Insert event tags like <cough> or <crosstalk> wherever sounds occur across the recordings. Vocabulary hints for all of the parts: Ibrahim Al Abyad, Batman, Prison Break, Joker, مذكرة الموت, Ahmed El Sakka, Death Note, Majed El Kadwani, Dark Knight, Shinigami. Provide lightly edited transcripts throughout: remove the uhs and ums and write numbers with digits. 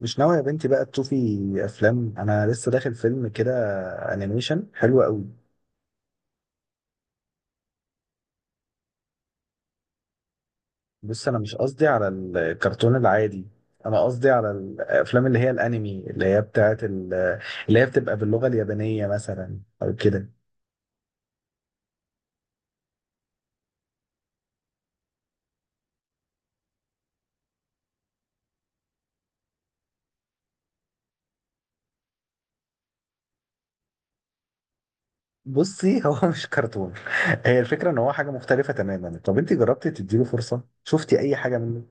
مش ناوي يا بنتي بقى تشوفي افلام. انا لسه داخل فيلم كده، انيميشن حلو قوي. بص، انا مش قصدي على الكرتون العادي، انا قصدي على الافلام اللي هي الانمي، اللي هي بتبقى باللغة اليابانية مثلا او كده. بصي، هو <laughs> مش كرتون، هي الفكرة ان هو حاجة مختلفة تماما. طب انت جربتي تديله فرصة؟ شفتي اي حاجة منه؟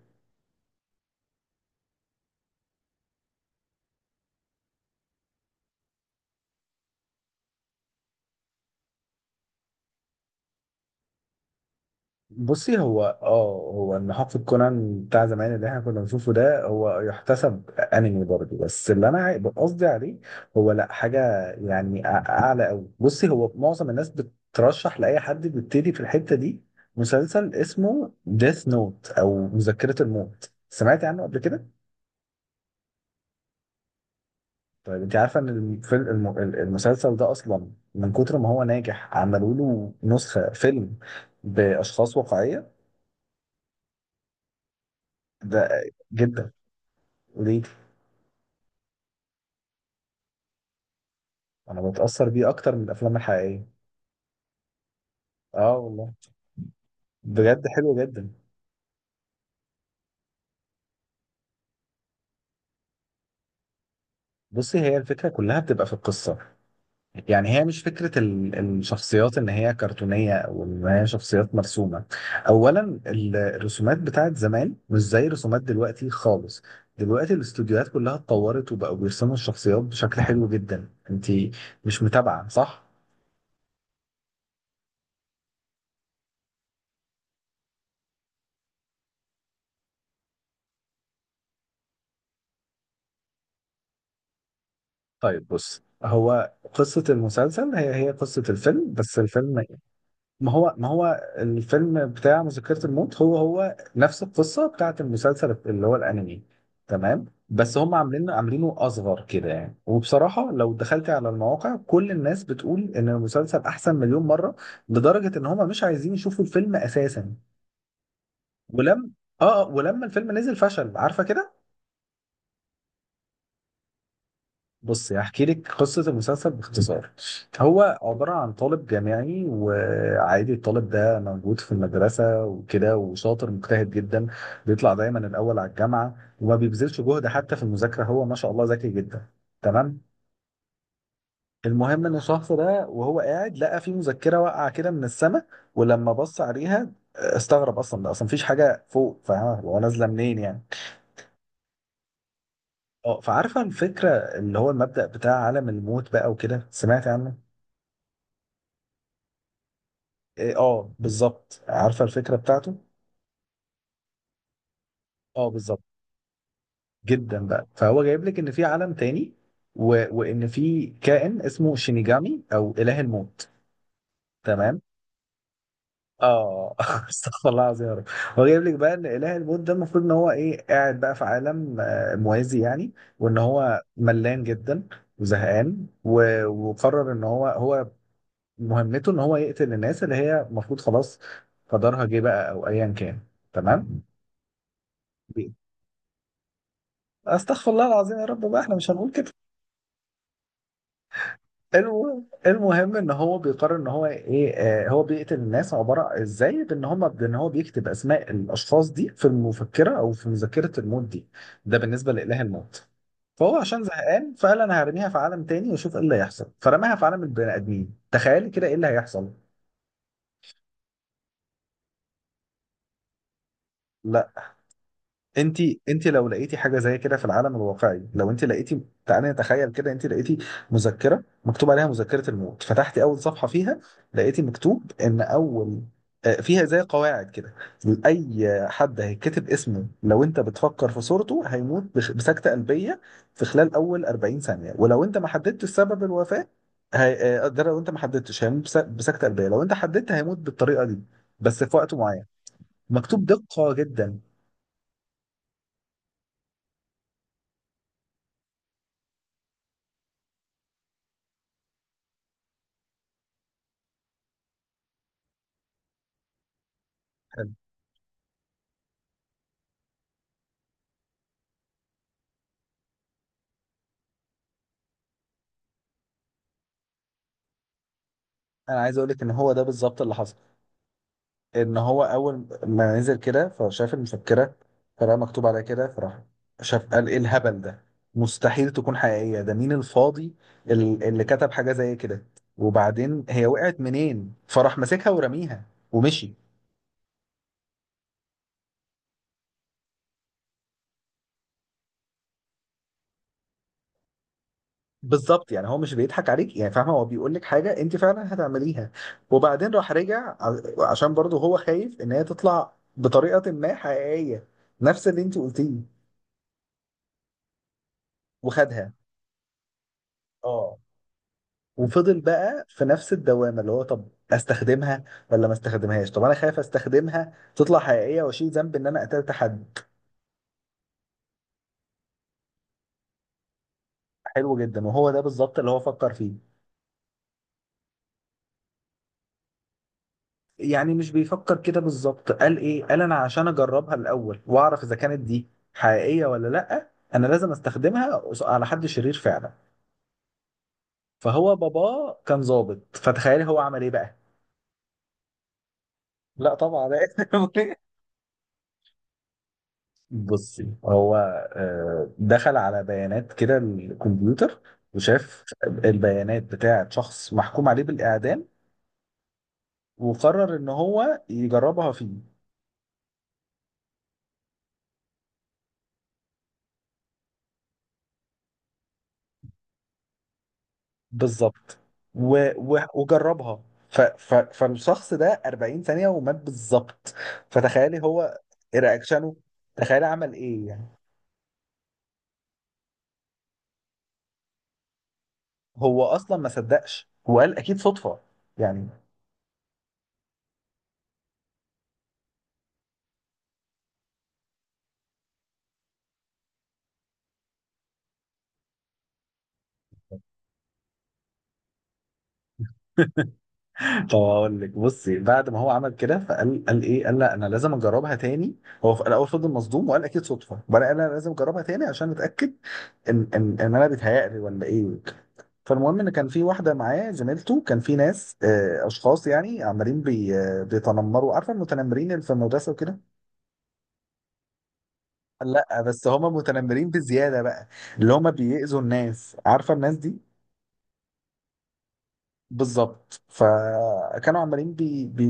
بصي، هو ان حقبة كونان بتاع زمان اللي احنا كنا بنشوفه ده هو يحتسب انمي برضه، بس قصدي عليه هو لا، حاجة يعني اعلى قوي. بصي، هو معظم الناس بترشح لاي حد بيبتدي في الحتة دي مسلسل اسمه ديث نوت او مذكرة الموت. سمعتي عنه قبل كده؟ طيب، انت عارفة ان المسلسل ده اصلا من كتر ما هو ناجح عملوا له نسخة فيلم باشخاص واقعية. ده جدا. ليه؟ انا بتاثر بيه اكتر من الافلام الحقيقيه. اه والله، بجد حلو جدا. بصي، هي الفكره كلها بتبقى في القصه، يعني هي مش فكره الشخصيات ان هي كرتونيه او ان هي شخصيات مرسومه. اولا، الرسومات بتاعت زمان مش زي الرسومات دلوقتي خالص، دلوقتي الاستوديوهات كلها اتطورت وبقوا بيرسموا الشخصيات بشكل حلو جدا. انت مش متابعه، صح؟ طيب بص، هو قصة المسلسل هي قصة الفيلم، بس الفيلم، ما هو الفيلم بتاع مذكرة الموت هو نفس القصة بتاعت المسلسل اللي هو الأنمي، تمام؟ بس هم عاملينه أصغر كده يعني. وبصراحة لو دخلت على المواقع كل الناس بتقول إن المسلسل أحسن مليون مرة، لدرجة إن هم مش عايزين يشوفوا الفيلم أساسا. ولم ولما الفيلم نزل فشل، عارفة كده. بص، هحكي لك قصة المسلسل باختصار. هو عبارة عن طالب جامعي، وعادي الطالب ده موجود في المدرسة وكده، وشاطر مجتهد جدا، بيطلع دايما الأول على الجامعة، وما بيبذلش جهد حتى في المذاكرة، هو ما شاء الله ذكي جدا، تمام. المهم إن الشخص ده وهو قاعد لقى في مذكرة واقعة كده من السماء، ولما بص عليها استغرب، أصلا ده أصلا مفيش حاجة فوق، فاهمة، هو نازلة منين يعني. اه، فعارفة الفكرة اللي هو المبدأ بتاع عالم الموت بقى وكده، سمعت عنه؟ إيه، اه بالظبط، عارفه الفكره بتاعته. اه بالظبط، جدا. بقى فهو جايب لك ان في عالم تاني، و... وان في كائن اسمه شينيجامي او اله الموت، تمام. اه <laughs> استغفر الله العظيم يا رب. هو جايب لك بقى ان اله الموت ده المفروض ان هو ايه، قاعد بقى في عالم موازي يعني، وان هو ملان جدا وزهقان وقرر ان هو مهمته ان هو يقتل الناس اللي هي المفروض خلاص قدرها جه بقى او ايا كان، تمام. استغفر الله العظيم يا رب بقى، احنا مش هنقول كده. المهم ان هو بيقرر ان هو ايه، آه هو بيقتل الناس، عباره ازاي، بان هو بيكتب اسماء الاشخاص دي في المفكره او في مذكره الموت دي. ده بالنسبه لاله الموت. فهو عشان زهقان فقال انا هرميها في عالم تاني واشوف ايه اللي هيحصل، فرماها في عالم البني ادمين. تخيلي كده ايه اللي هيحصل. انت، انت لو لقيتي حاجه زي كده في العالم الواقعي، لو انت لقيتي، تعالي نتخيل كده، انت لقيتي مذكره مكتوب عليها مذكره الموت، فتحتي اول صفحه فيها، لقيتي مكتوب ان اول فيها زي قواعد كده: اي حد هيتكتب اسمه لو انت بتفكر في صورته هيموت بسكته قلبيه في خلال اول 40 ثانيه، ولو انت ما حددتش سبب الوفاه هي... ده لو انت ما حددتش هيموت بسكته قلبيه، لو انت حددت هيموت بالطريقه دي بس في وقت معين مكتوب دقه جدا. انا عايز اقول لك ان هو ده بالظبط اللي حصل. ان هو اول ما نزل كده فشاف المفكره، فلقى مكتوب عليها كده، فراح شاف قال ايه الهبل ده، مستحيل تكون حقيقيه، ده مين الفاضي اللي كتب حاجه زي كده، وبعدين هي وقعت منين؟ فراح ماسكها ورميها ومشي. بالظبط، يعني هو مش بيضحك عليك يعني، فاهمه، هو بيقول لك حاجه انت فعلا هتعمليها. وبعدين راح رجع عشان برضه هو خايف ان هي تطلع بطريقه ما حقيقيه، نفس اللي انت قلتيه، وخدها. اه، وفضل بقى في نفس الدوامه اللي هو طب استخدمها ولا ما استخدمهاش، طب انا خايف استخدمها تطلع حقيقيه واشيل ذنب ان انا قتلت حد. حلو جدا، وهو ده بالظبط اللي هو فكر فيه. يعني مش بيفكر كده بالظبط، قال ايه، قال انا عشان اجربها الاول واعرف اذا كانت دي حقيقيه ولا لا، انا لازم استخدمها على حد شرير فعلا. فهو باباه كان ظابط، فتخيل هو عمل ايه بقى. لا طبعا. <laughs> بصي، هو دخل على بيانات كده الكمبيوتر، وشاف البيانات بتاعة شخص محكوم عليه بالإعدام، وقرر إن هو يجربها فيه. بالظبط. و- وجربها، فالشخص ده 40 ثانية ومات بالظبط. فتخيلي هو رياكشنه، تخيلي عمل إيه يعني. هو أصلا ما صدقش، وقال أكيد صدفة يعني. <laughs> طب اقول لك، بصي بعد ما هو عمل كده، فقال، قال ايه، قال لا انا لازم اجربها تاني. هو في الاول فضل مصدوم وقال اكيد صدفه، وانا قال انا لازم اجربها تاني عشان اتاكد ان انا بيتهيألي ولا ايه. فالمهم ان كان في واحده معاه زميلته، كان في ناس، اشخاص يعني، عمالين بي آه، بيتنمروا، عارفه المتنمرين اللي في المدرسه وكده. لا بس هم متنمرين بزياده بقى، اللي هم بيأذوا الناس، عارفه الناس دي. بالظبط. فكانوا عمالين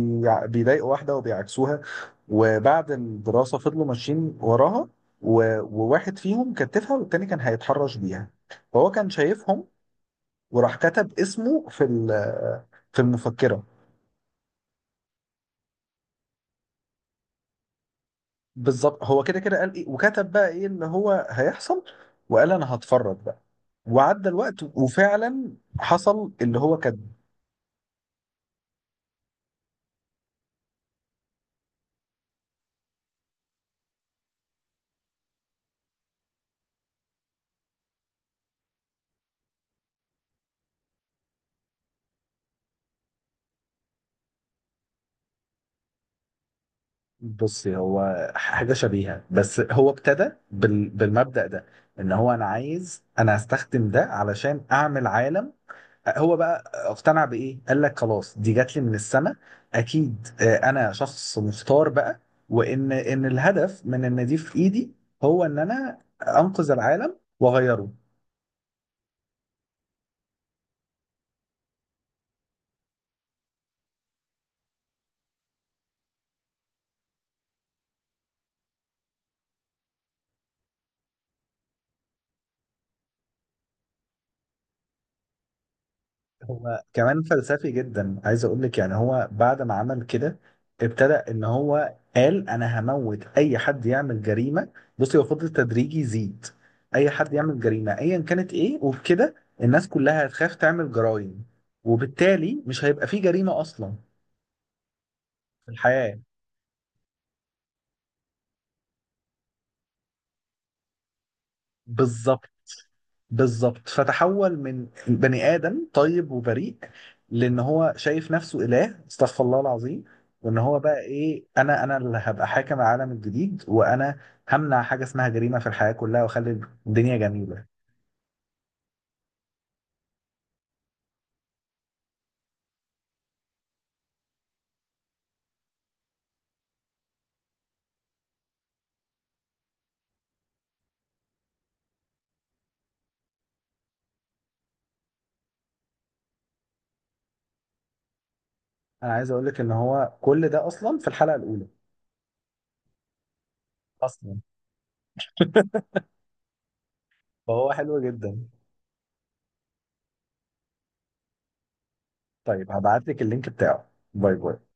بيضايقوا واحدة وبيعكسوها، وبعد الدراسة فضلوا ماشيين وراها، وواحد فيهم كتفها والتاني كان هيتحرش بيها، فهو كان شايفهم، وراح كتب اسمه في المفكرة. بالظبط، هو كده كده قال ايه، وكتب بقى ايه اللي هو هيحصل، وقال انا هتفرج بقى، وعدى الوقت وفعلا حصل اللي هو كان. بصي هو حاجة شبيهة، بس هو ابتدى بالمبدأ ده، ان هو انا عايز، انا هستخدم ده علشان اعمل عالم. هو بقى اقتنع بإيه؟ قال لك خلاص دي جات لي من السماء، اكيد انا شخص مختار بقى، وان الهدف من ان دي في ايدي هو ان انا انقذ العالم واغيره. هو كمان فلسفي جدا، عايز اقول لك يعني، هو بعد ما عمل كده ابتدى ان هو قال انا هموت اي حد يعمل جريمه. بصي هو فضل تدريجي يزيد، اي حد يعمل جريمه ايا كانت ايه، وبكده الناس كلها هتخاف تعمل جرائم، وبالتالي مش هيبقى في جريمه اصلا في الحياه. بالظبط، بالظبط. فتحول من بني آدم طيب وبريء لأن هو شايف نفسه إله، استغفر الله العظيم، وإن هو بقى إيه، أنا اللي هبقى حاكم العالم الجديد، وأنا همنع حاجة اسمها جريمة في الحياة كلها، وأخلي الدنيا جميلة. أنا عايز أقول لك إن هو كل ده أصلا في الحلقة الأولى. أصلا، فهو حلو جدا. طيب هبعت لك اللينك بتاعه، باي باي.